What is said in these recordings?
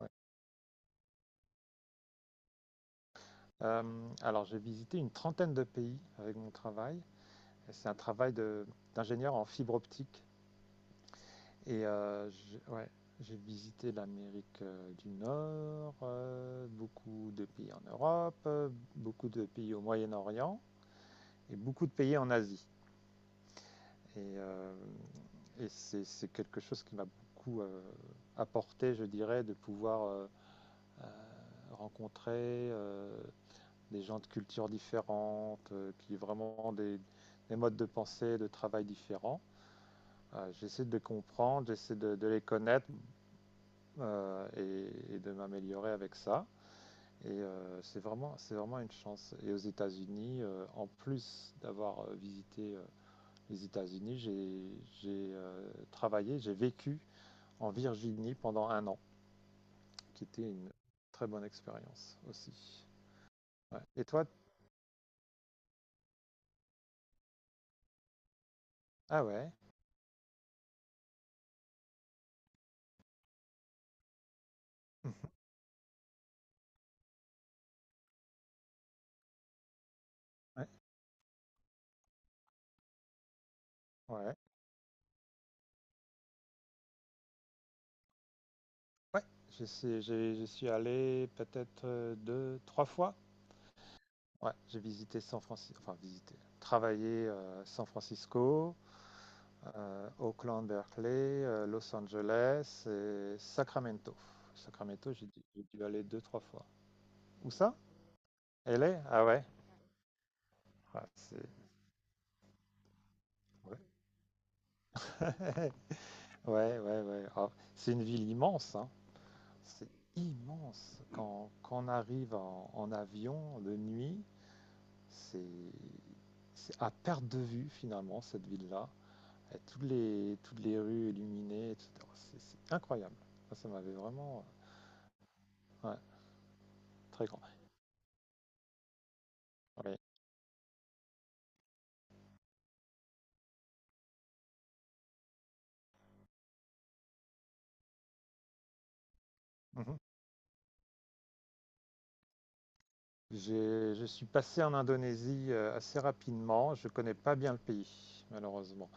Ouais. Alors, j'ai visité une trentaine de pays avec mon travail. C'est un travail d'ingénieur en fibre optique. Et j'ai visité l'Amérique du Nord, beaucoup de pays en Europe, beaucoup de pays au Moyen-Orient et beaucoup de pays en Asie. Et, euh, et c'est quelque chose qui m'a beaucoup apporté, je dirais, de pouvoir euh, rencontrer euh, des gens de cultures différentes, qui ont vraiment des modes de pensée, de travail différents. J'essaie de les comprendre, j'essaie de les connaître , et de m'améliorer avec ça. C'est vraiment, c'est vraiment une chance. Et aux États-Unis, en plus d'avoir visité les États-Unis, j'ai travaillé, j'ai vécu en Virginie pendant un an, qui était une très bonne expérience aussi. Ouais. Et toi? Ah ouais. Ouais. Ouais. Ouais, je sais j'y suis allé peut-être, 2-3 fois. Ouais, j'ai visité San Francisco, enfin visité, travaillé, San Francisco, Oakland, Berkeley, Los Angeles et Sacramento. Sacramento, j'ai dû aller deux, trois fois. Où ça? LA? Ah ouais? Ah, c'est ouais. Ouais, ouais, ouais. Ah, c'est une ville immense, hein. C'est immense. Quand on arrive en avion de nuit, c'est à perte de vue finalement cette ville-là, avec toutes les rues illuminées, etc. C'est incroyable. Ça m'avait vraiment ouais, très grand. Ouais. Mhm. Je suis passé en Indonésie assez rapidement. Je connais pas bien le pays, malheureusement.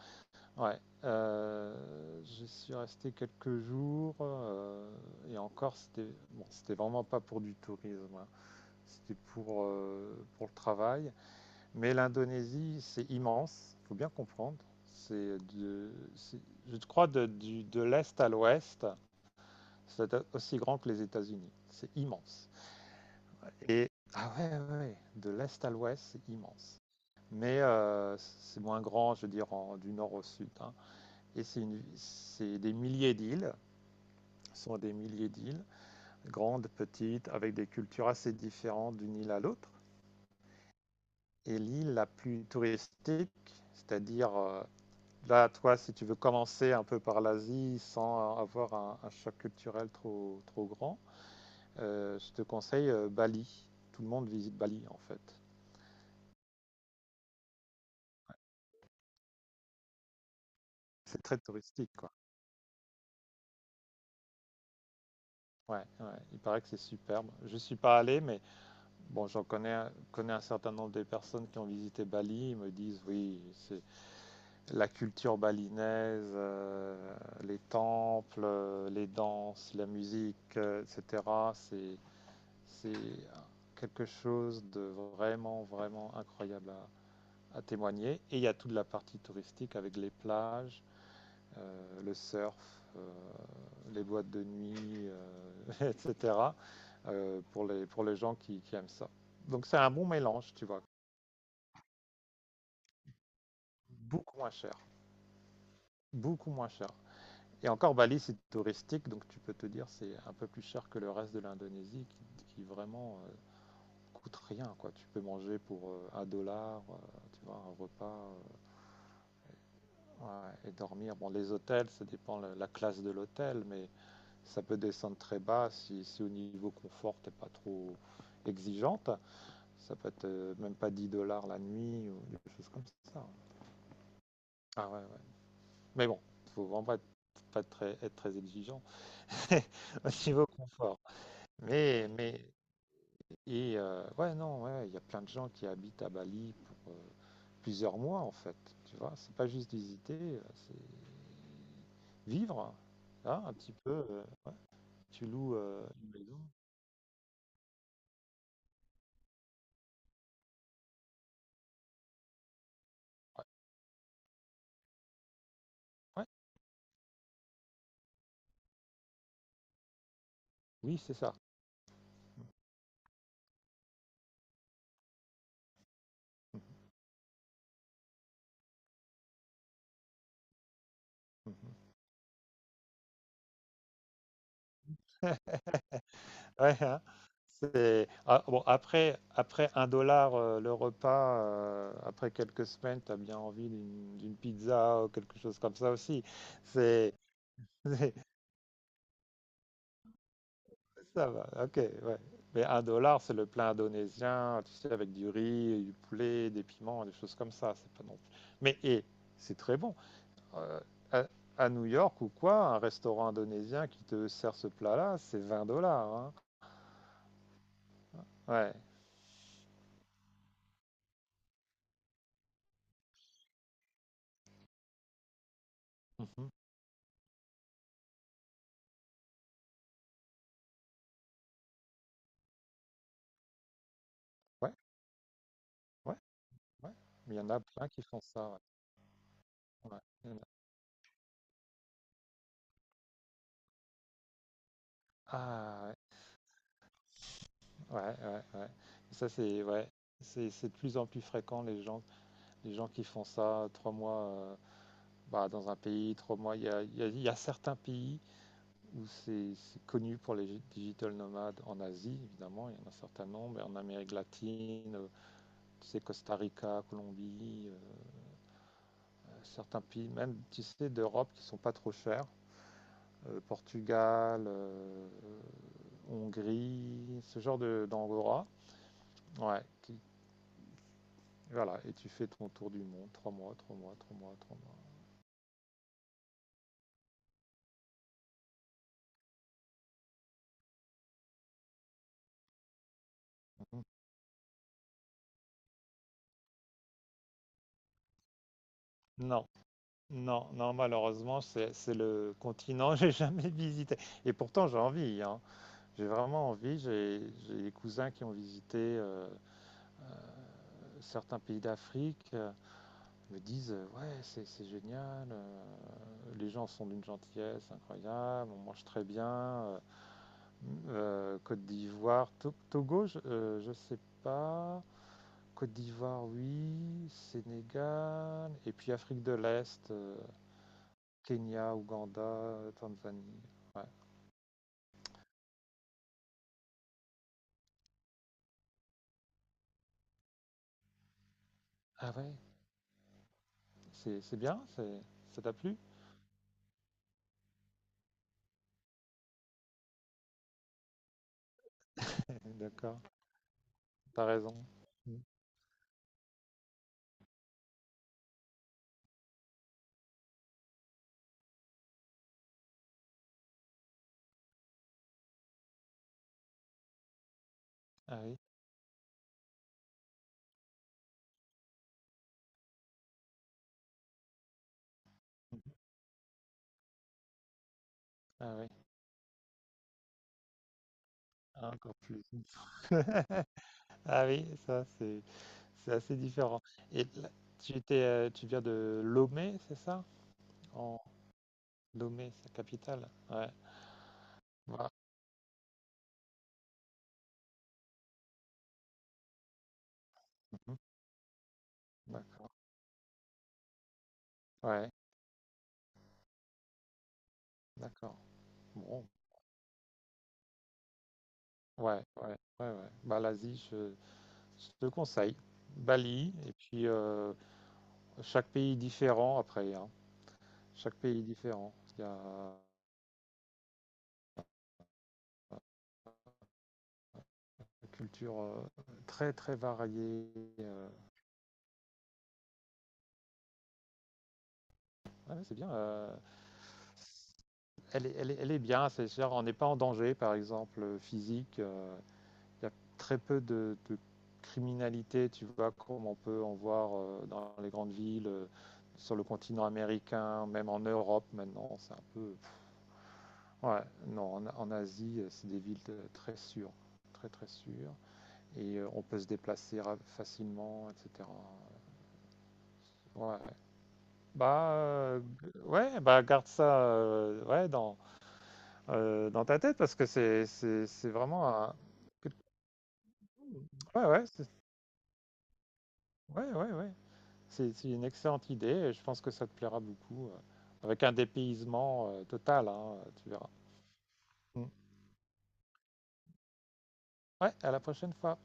Ouais. Euh, je suis resté quelques jours, et encore, c'était bon, c'était vraiment pas pour du tourisme, hein. C'était pour le travail. Mais l'Indonésie, c'est immense, il faut bien comprendre. C'est de, c'est- je crois de l'est à l'ouest, c'est aussi grand que les États-Unis. C'est immense. Et ah ouais, ouais, ouais, de l'est à l'ouest, c'est immense. Mais c'est moins grand, je veux dire, du nord au sud, hein. Et c'est des milliers d'îles, ce sont des milliers d'îles, grandes, petites, avec des cultures assez différentes d'une île à l'autre. Et l'île la plus touristique, c'est-à-dire là, toi, si tu veux commencer un peu par l'Asie sans avoir un choc culturel trop, trop grand, je te conseille Bali. Tout le monde visite Bali, en fait. C'est très touristique, quoi. Ouais, ouais, il paraît que c'est superbe. Je suis pas allé, mais bon, connais un certain nombre de personnes qui ont visité Bali. Ils me disent, oui, c'est la culture balinaise, les temples, les danses, la musique, etc. C'est C'est quelque chose de vraiment, vraiment incroyable à témoigner. Et il y a toute la partie touristique avec les plages, le surf, les boîtes de nuit, etc. Pour les gens qui aiment ça. Donc c'est un bon mélange, tu vois. Beaucoup moins cher. Beaucoup moins cher. Et encore, Bali, c'est touristique, donc tu peux te dire c'est un peu plus cher que le reste de l'Indonésie, qui vraiment coûte rien, quoi. Tu peux manger pour un dollar, tu vois, un repas, ouais, et dormir. Bon, les hôtels, ça dépend la classe de l'hôtel, mais ça peut descendre très bas si au niveau confort, t'es pas trop exigeante. Ça peut être même pas 10 dollars la nuit ou des choses comme ça. Ah ouais, ouais. Mais bon, faut vraiment pas être, pas très, être très exigeant au niveau confort. Mais, mais, et, ouais, non, ouais, il y a plein de gens qui habitent à Bali pour plusieurs mois en fait. Tu vois, c'est pas juste visiter, c'est vivre, hein, un petit peu. Ouais. Tu loues une maison. Ouais, ouais, oui, c'est ça. Mhm. Ouais, hein. Ah, bon, après un dollar, le repas, après quelques semaines, tu as bien envie d'une pizza ou quelque chose comme ça aussi. C'est Ça va, OK, ouais. Mais un dollar, c'est le plein indonésien, tu sais, avec du riz, du poulet, des piments, des choses comme ça. C'est pas non plus. Mais et c'est très bon. Euh, à, à New York ou quoi, un restaurant indonésien qui te sert ce plat-là, c'est 20 dollars, hein. Ouais. Mhm. Ouais, ouais, ouais. Il y en a plein qui font ça. Ouais. Ouais, il y en a. Ah, ouais, ouais, ouais. Ouais. Ça, c'est ouais. C'est de plus en plus fréquent les gens qui font ça 3 mois. Bah, dans un pays, 3 mois. Il y a certains pays où c'est connu pour les digital nomades en Asie, évidemment, il y en a un certain nombre, et en Amérique latine, tu sais, Costa Rica, Colombie, certains pays, même, tu sais, d'Europe qui ne sont pas trop chers, Portugal, Hongrie, ce genre de d'angora. Ouais, voilà, et tu fais ton tour du monde, 3 mois, 3 mois, 3 mois, 3 mois. Non, Non, non, malheureusement, c'est le continent que j'ai jamais visité. Et pourtant, j'ai envie, hein. J'ai vraiment envie. J'ai des cousins qui ont visité certains pays d'Afrique, me disent, ouais, c'est génial. Les gens sont d'une gentillesse incroyable. On mange très bien. Côte d'Ivoire, Togo, je sais pas. Côte d'Ivoire, oui. Sénégal. Et puis Afrique de l'Est. Kenya, Ouganda, Tanzanie. Ouais. Ah ouais, c'est bien, c'est, ça t'a plu? D'accord, t'as raison. Ah oui, mhm. Ah oui, ah, encore plus. Ah oui, ça c'est assez différent. Et là, tu viens de Lomé, c'est ça? En Lomé, sa capitale. Ouais. Voilà. Mhm. D'accord. Ouais, d'accord. Bon. Ouais, ouais, ouais, ouais. Bah l'Asie, je te conseille. Bali et puis, chaque pays est différent après, hein. Chaque pays est différent. Il y a une culture très très variée. euh. Ouais, c'est bien. Elle est bien. C'est sûr, on n'est pas en danger, par exemple, physique. Il y a très peu de criminalité, tu vois, comme on peut en voir dans les grandes villes, sur le continent américain, même en Europe maintenant. C'est un peu. Ouais, non, en Asie, c'est des villes très sûres. Très très sûres. Et on peut se déplacer facilement, etc. Ouais. Bah, ouais, bah garde ça, ouais, dans ta tête parce que c'est vraiment un... Ouais, ouais, c'est ouais, ouais, ouais. C'est une excellente idée et je pense que ça te plaira beaucoup. Avec un dépaysement total, hein, tu verras. Mm. Ouais, à la prochaine fois.